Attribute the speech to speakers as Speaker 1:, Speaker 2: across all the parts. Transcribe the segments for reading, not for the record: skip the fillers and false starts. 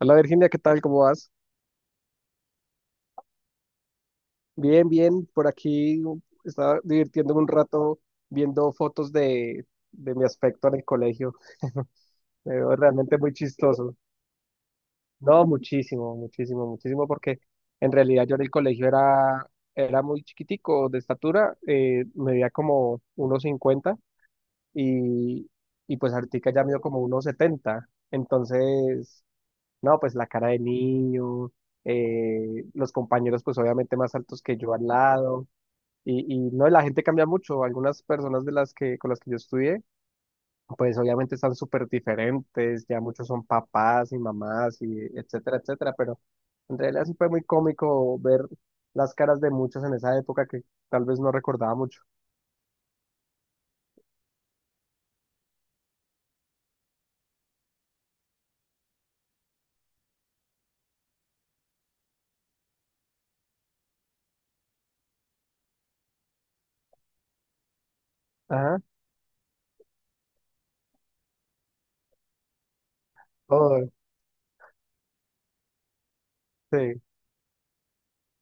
Speaker 1: Hola Virginia, ¿qué tal? ¿Cómo vas? Bien, bien, por aquí estaba divirtiéndome un rato viendo fotos de mi aspecto en el colegio. Me veo realmente muy chistoso. No, muchísimo, muchísimo, muchísimo, porque en realidad yo en el colegio era muy chiquitico de estatura, medía como 1,50 y, y pues ahorita ya mido como 1,70. Entonces. No, pues la cara de niño, los compañeros pues obviamente más altos que yo al lado, y no, la gente cambia mucho, algunas personas con las que yo estudié, pues obviamente están súper diferentes, ya muchos son papás y mamás y etcétera, etcétera, pero en realidad sí fue muy cómico ver las caras de muchos en esa época que tal vez no recordaba mucho. Ajá, oh, sí.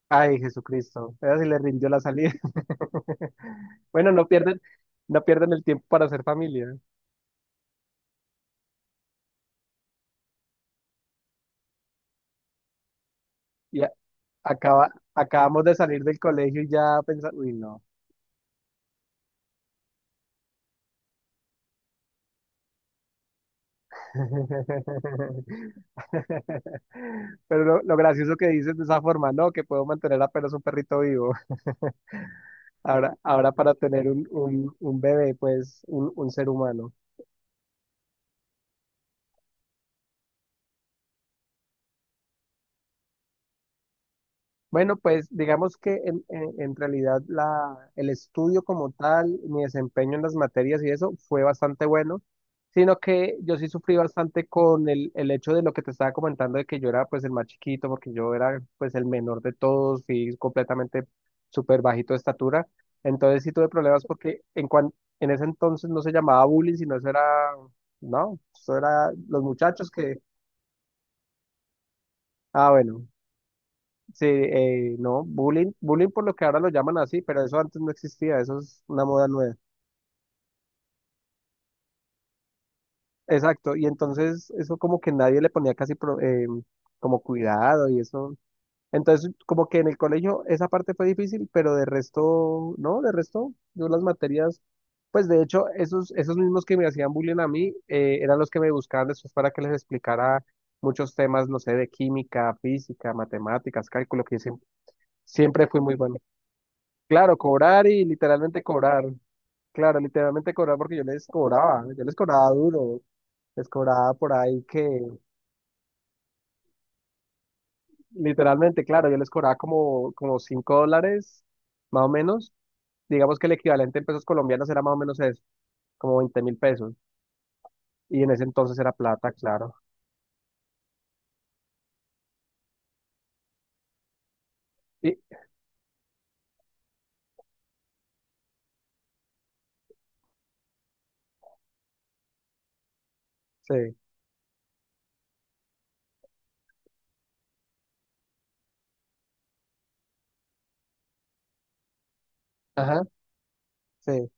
Speaker 1: Ay, Jesucristo, ella sí le rindió la salida. Bueno, no pierden el tiempo para hacer familia. Y a- acabamos de salir del colegio y ya pensamos, uy, no. Pero lo gracioso que dices de esa forma, ¿no? Que puedo mantener apenas un perrito vivo. Ahora para tener un bebé, pues un ser humano. Bueno, pues digamos que en realidad el estudio como tal, mi desempeño en las materias y eso fue bastante bueno, sino que yo sí sufrí bastante con el hecho de lo que te estaba comentando de que yo era pues el más chiquito, porque yo era pues el menor de todos, fui completamente súper bajito de estatura, entonces sí tuve problemas porque en ese entonces no se llamaba bullying, sino eso era, no, eso era los muchachos que, ah bueno, sí, no, bullying, bullying por lo que ahora lo llaman así, pero eso antes no existía, eso es una moda nueva. Exacto, y entonces eso como que nadie le ponía casi como cuidado y eso. Entonces como que en el colegio esa parte fue difícil, pero de resto, no, de resto, yo las materias, pues de hecho esos mismos que me hacían bullying a mí eran los que me buscaban después para que les explicara muchos temas, no sé, de química, física, matemáticas, cálculo, que siempre fui muy bueno. Claro, cobrar y literalmente cobrar. Claro, literalmente cobrar porque yo les cobraba duro, les cobraba por ahí que, literalmente, claro, yo les cobraba como $5, más o menos. Digamos que el equivalente en pesos colombianos era más o menos eso, como 20.000 pesos. Y en ese entonces era plata, claro. Y, sí, ajá, sí,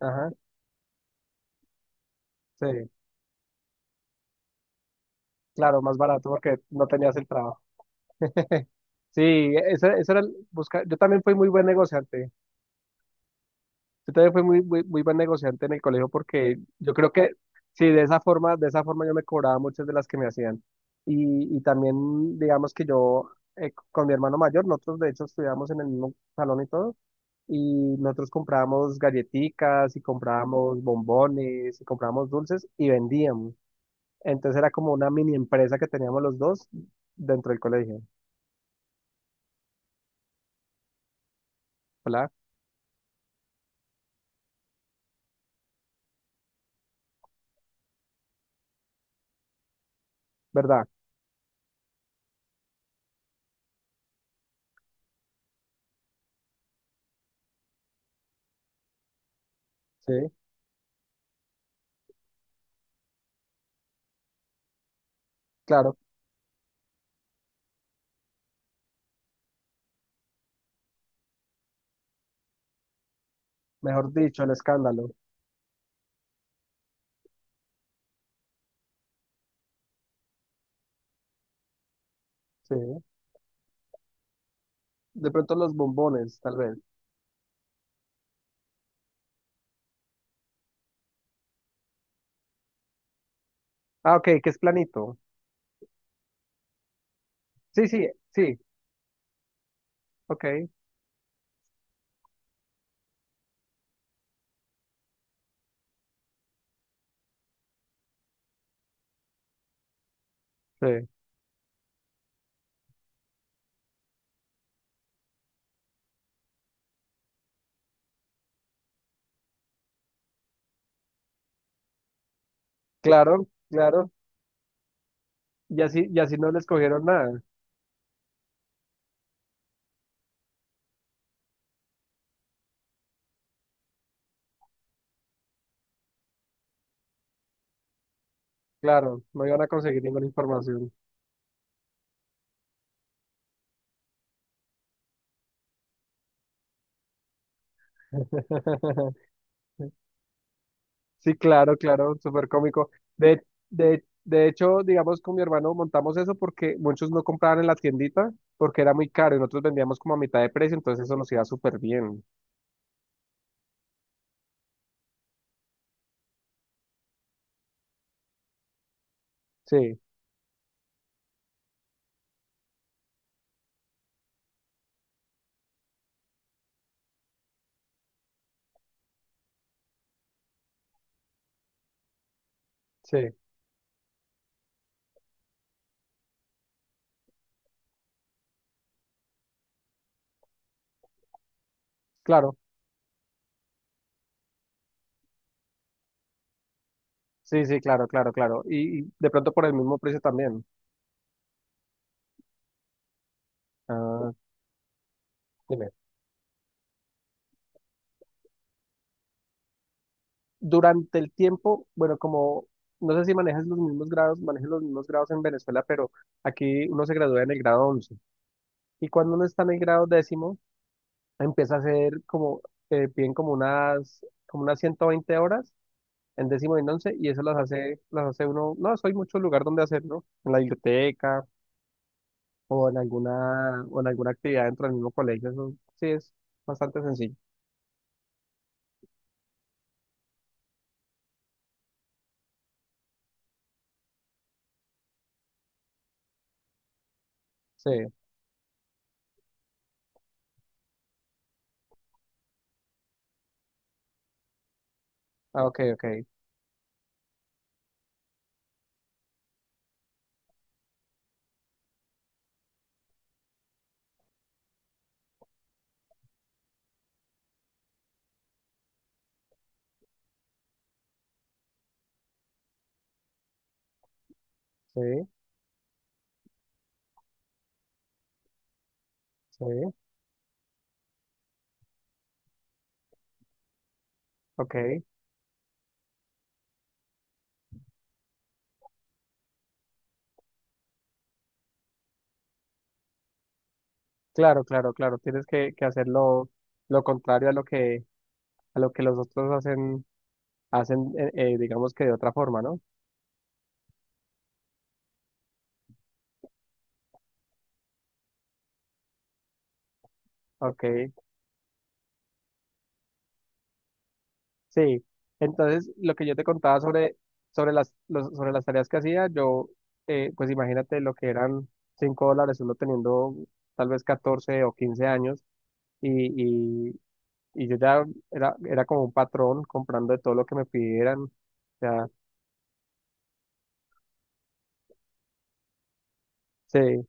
Speaker 1: ajá, sí. Claro, más barato porque no tenías el trabajo. Sí, eso era, buscar, yo también fui muy buen negociante. Yo también fui muy, muy, muy buen negociante en el colegio porque yo creo que sí, de esa forma yo me cobraba muchas de las que me hacían. Y también, digamos que yo, con mi hermano mayor, nosotros de hecho estudiamos en el mismo salón y todo, y nosotros comprábamos galletitas y comprábamos bombones y comprábamos dulces y vendíamos. Entonces era como una mini empresa que teníamos los dos dentro del colegio, ¿verdad? ¿Verdad? Sí, claro. Mejor dicho, el escándalo. Sí. De pronto los bombones, tal vez. Ah, ok, que es planito. Sí, sí, sí, ok, sí. Claro, claro. Y así no les cogieron nada. Claro, no iban a conseguir ninguna información. Sí, claro, claro, súper cómico. De, de hecho, digamos, con mi hermano montamos eso porque muchos no compraban en la tiendita porque era muy caro y nosotros vendíamos como a mitad de precio, entonces eso nos iba súper bien. Sí, sí, claro. Sí, sí, claro, claro, claro. Y de pronto por el mismo precio también. Ah, dime. Durante el tiempo, bueno, como no sé si manejas los mismos grados, manejas los mismos grados en Venezuela, pero aquí uno se gradúa en el grado once. Y cuando uno está en el grado décimo, empieza a hacer como, piden como unas 120 horas en décimo y en once, y eso las hace uno, no, eso hay mucho lugar donde hacerlo, en la biblioteca o en alguna actividad dentro del mismo colegio, eso sí es bastante sencillo. Sí, ah, ok, ok, sí, sí, ok. Claro, claro, claro. Tienes que hacer lo contrario a a lo que los otros hacen digamos que de otra forma, ¿no? Ok, sí. Entonces, lo que yo te contaba sobre las tareas que hacía, pues imagínate lo que eran $5 uno teniendo tal vez 14 o 15 años y, y, y yo ya era como un patrón comprando de todo lo que me pidieran. O sea, sí.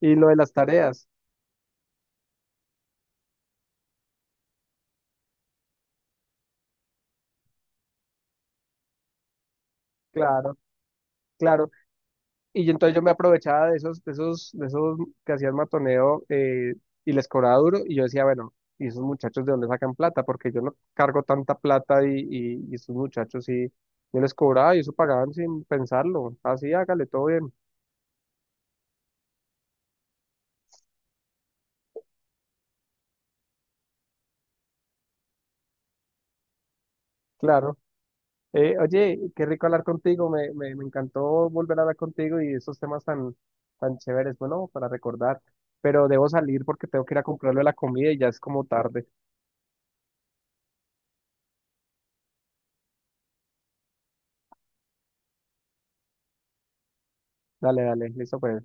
Speaker 1: Y lo de las tareas, claro. Claro. Entonces yo me aprovechaba de de esos que hacían matoneo, y les cobraba duro. Y yo decía, bueno, ¿y esos muchachos de dónde sacan plata? Porque yo no cargo tanta plata y esos muchachos sí, yo les cobraba y eso pagaban sin pensarlo. Así, hágale, todo bien. Claro. Oye, qué rico hablar contigo. Me encantó volver a hablar contigo y esos temas tan, tan chéveres. Bueno, para recordar. Pero debo salir porque tengo que ir a comprarle la comida y ya es como tarde. Dale, dale, listo, pues.